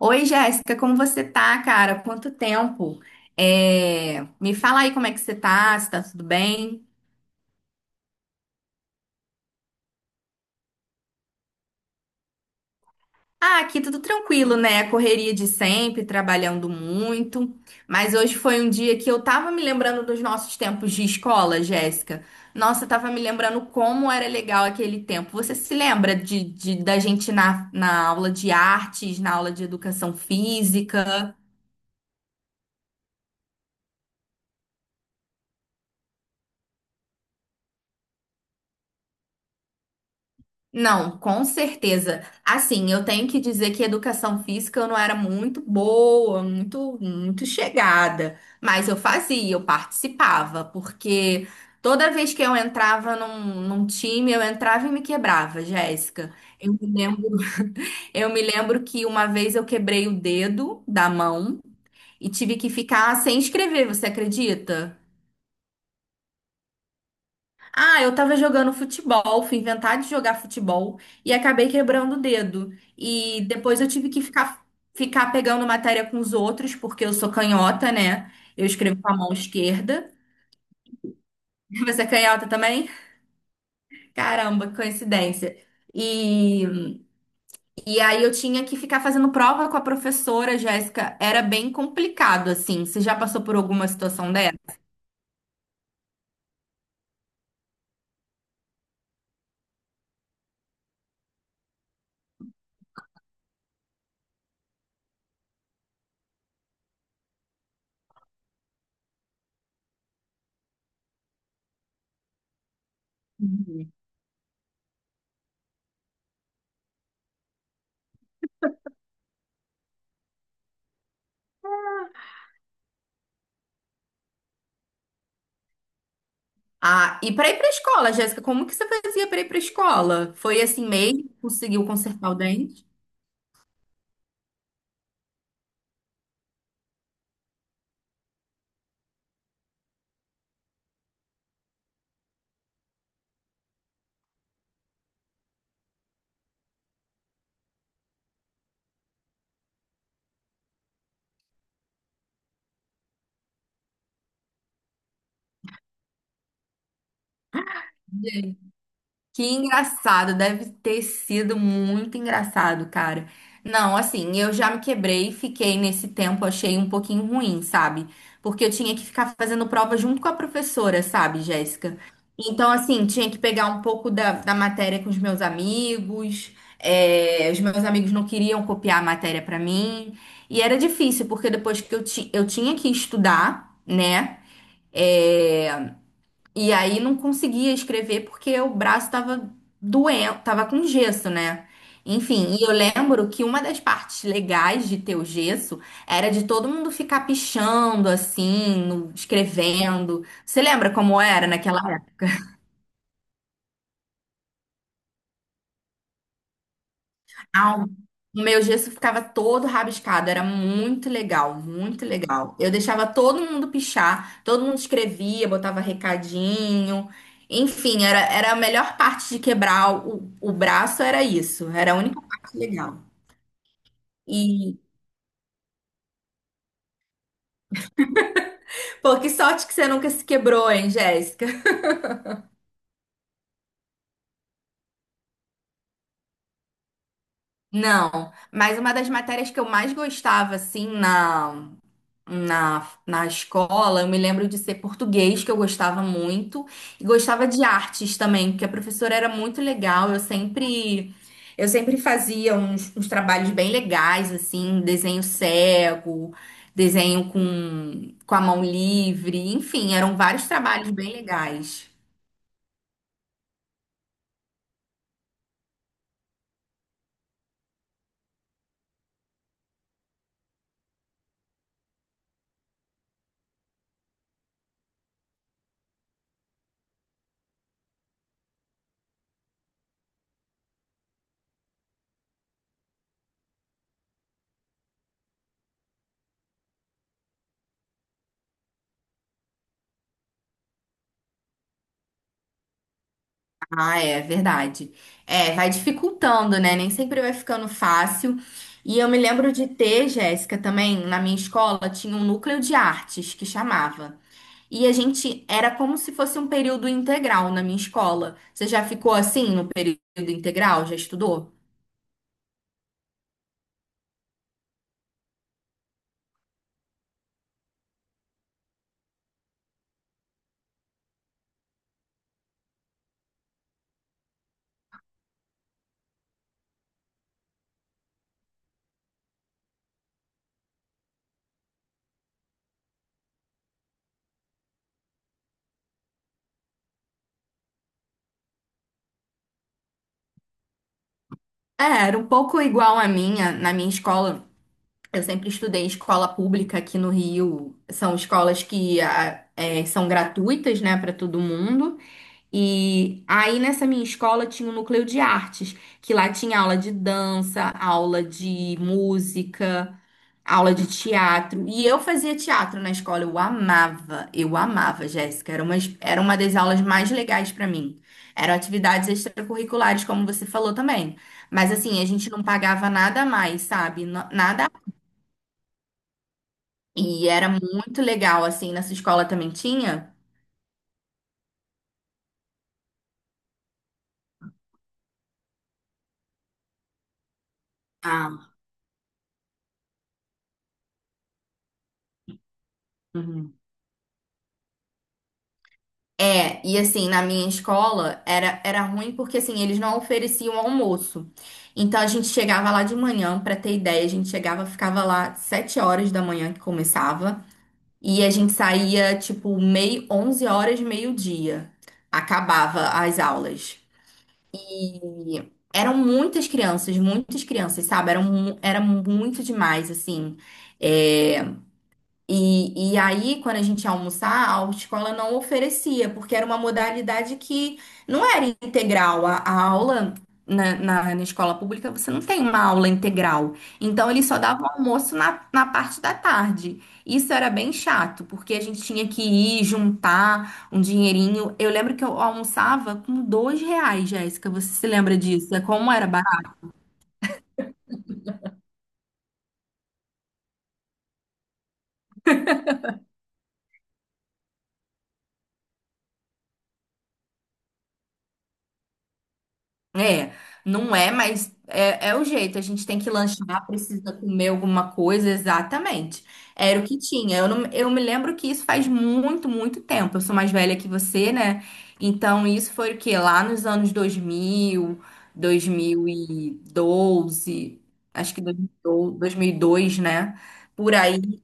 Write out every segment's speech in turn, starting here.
Oi, Jéssica, como você tá, cara? Quanto tempo? Me fala aí como é que você tá, se tá tudo bem? Ah, aqui tudo tranquilo, né? Correria de sempre, trabalhando muito. Mas hoje foi um dia que eu tava me lembrando dos nossos tempos de escola, Jéssica. Nossa, eu tava me lembrando como era legal aquele tempo. Você se lembra da gente na aula de artes, na aula de educação física? Não, com certeza. Assim, eu tenho que dizer que educação física eu não era muito boa, muito, muito chegada, mas eu fazia, eu participava, porque toda vez que eu entrava num time, eu entrava e me quebrava, Jéssica. Eu me lembro, eu me lembro que uma vez eu quebrei o dedo da mão e tive que ficar sem escrever, você acredita? Ah, eu tava jogando futebol, fui inventar de jogar futebol e acabei quebrando o dedo. E depois eu tive que ficar pegando matéria com os outros, porque eu sou canhota, né? Eu escrevo com a mão esquerda. Você é canhota também? Caramba, que coincidência. E, e aí eu tinha que ficar fazendo prova com a professora, Jéssica. Era bem complicado, assim. Você já passou por alguma situação dessa? Ah, e para ir para escola, Jéssica, como que você fazia para ir para escola? Foi assim mesmo? Conseguiu consertar o dente? Que engraçado, deve ter sido muito engraçado, cara. Não, assim, eu já me quebrei, fiquei nesse tempo, achei um pouquinho ruim, sabe? Porque eu tinha que ficar fazendo prova junto com a professora, sabe, Jéssica? Então, assim, tinha que pegar um pouco da matéria com os meus amigos, os meus amigos não queriam copiar a matéria pra mim, e era difícil, porque depois que eu tinha que estudar, né? É, e aí não conseguia escrever porque o braço tava doendo, tava com gesso, né? Enfim, e eu lembro que uma das partes legais de ter o gesso era de todo mundo ficar pichando assim, escrevendo. Você lembra como era naquela. Ah, o meu gesso ficava todo rabiscado, era muito legal, muito legal. Eu deixava todo mundo pichar, todo mundo escrevia, botava recadinho. Enfim, era a melhor parte de quebrar o braço, era isso. Era a única parte legal. E, pô, que sorte que você nunca se quebrou, hein, Jéssica? Não, mas uma das matérias que eu mais gostava, assim, na escola, eu me lembro de ser português, que eu gostava muito, e gostava de artes também, porque a professora era muito legal, eu sempre fazia uns trabalhos bem legais, assim, desenho cego, desenho com a mão livre, enfim, eram vários trabalhos bem legais. Ah, é verdade. É, vai dificultando, né? Nem sempre vai ficando fácil. E eu me lembro de ter, Jéssica, também, na minha escola, tinha um núcleo de artes que chamava. E a gente era como se fosse um período integral na minha escola. Você já ficou assim no período integral? Já estudou? É, era um pouco igual a minha, na minha escola. Eu sempre estudei em escola pública aqui no Rio. São escolas que são gratuitas, né, para todo mundo. E aí nessa minha escola tinha um núcleo de artes, que lá tinha aula de dança, aula de música, aula de teatro. E eu fazia teatro na escola, eu amava, Jéssica. Era uma das aulas mais legais pra mim. Eram atividades extracurriculares, como você falou também. Mas assim, a gente não pagava nada a mais, sabe? Nada. E era muito legal, assim, nessa escola também tinha. Ah. Uhum. É, e assim, na minha escola era ruim porque assim, eles não ofereciam almoço. Então a gente chegava lá de manhã, pra ter ideia, a gente chegava, ficava lá 7 horas da manhã que começava, e a gente saía tipo meio 11 horas, meio-dia. Acabava as aulas. E eram muitas crianças, sabe? Era muito demais assim. É, e aí, quando a gente ia almoçar, a autoescola não oferecia, porque era uma modalidade que não era integral. A aula na escola pública, você não tem uma aula integral. Então, eles só davam almoço na parte da tarde. Isso era bem chato, porque a gente tinha que ir juntar um dinheirinho. Eu lembro que eu almoçava com R$ 2, Jéssica. Você se lembra disso? Como era. É, não é, mas é o jeito. A gente tem que lanchar, precisa comer alguma coisa, exatamente. Era o que tinha. Eu, não- eu me lembro que isso faz muito, muito tempo. Eu sou mais velha que você, né? Então, isso foi o quê? Lá nos anos dois mil, 2012, acho que 2012, dois, 1002, né? Por aí.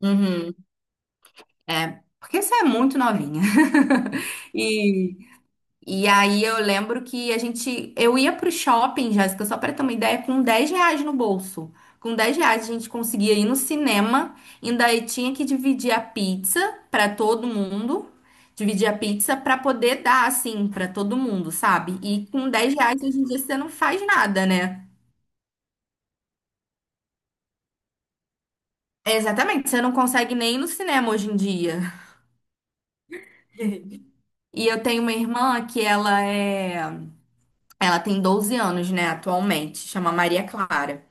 Uhum, é, porque você é muito novinha. E. E aí eu lembro que a gente, eu ia pro shopping, Jéssica, só para ter uma ideia, com R$ 10 no bolso. Com R$ 10 a gente conseguia ir no cinema, ainda aí tinha que dividir a pizza para todo mundo, dividir a pizza para poder dar assim para todo mundo, sabe? E com R$ 10 hoje em dia você não faz nada, né? Exatamente, você não consegue nem ir no cinema hoje em dia. E eu tenho uma irmã ela tem 12 anos, né, atualmente, chama Maria Clara.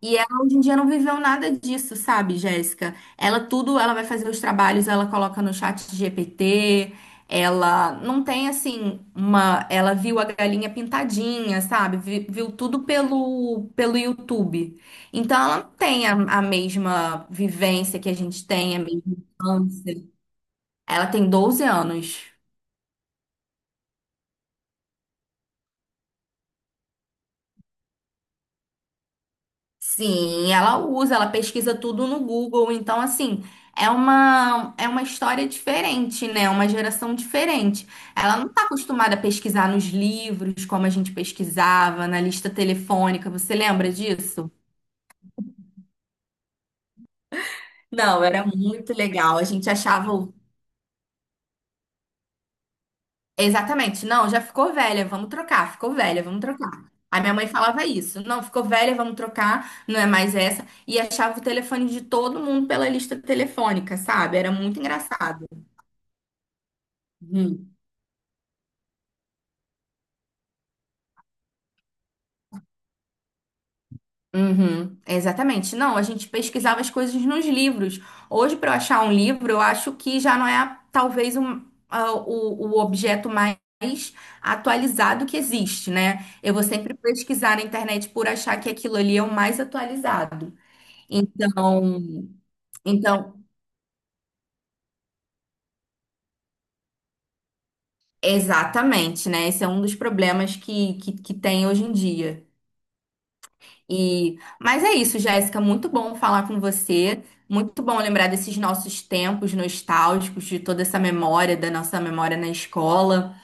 E ela hoje em dia não viveu nada disso, sabe, Jéssica? Ela tudo, ela vai fazer os trabalhos, ela coloca no chat GPT, ela não tem ela viu a galinha pintadinha, sabe? Viu, tudo pelo YouTube. Então ela não tem a mesma vivência que a gente tem, a mesma infância. Ela tem 12 anos. Sim, ela usa, ela pesquisa tudo no Google, então assim, é uma história diferente, né? Uma geração diferente. Ela não está acostumada a pesquisar nos livros como a gente pesquisava, na lista telefônica, você lembra disso? Não, era muito legal. A gente achava o- exatamente, não, já ficou velha, vamos trocar, ficou velha, vamos trocar. A minha mãe falava isso, não, ficou velha, vamos trocar, não é mais essa. E achava o telefone de todo mundo pela lista telefônica, sabe? Era muito engraçado. Uhum. Uhum, exatamente. Não, a gente pesquisava as coisas nos livros. Hoje, para eu achar um livro, eu acho que já não talvez o objeto mais atualizado que existe, né? Eu vou sempre pesquisar na internet por achar que aquilo ali é o mais atualizado. Então, então, exatamente, né? Esse é um dos problemas que tem hoje em dia. Mas é isso, Jéssica, muito bom falar com você, muito bom lembrar desses nossos tempos nostálgicos, de toda essa memória, da nossa memória na escola.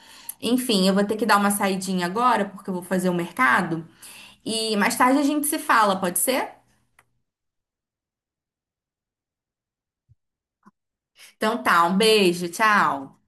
Enfim, eu vou ter que dar uma saidinha agora, porque eu vou fazer o mercado, e mais tarde a gente se fala, pode ser? Então tá, um beijo, tchau.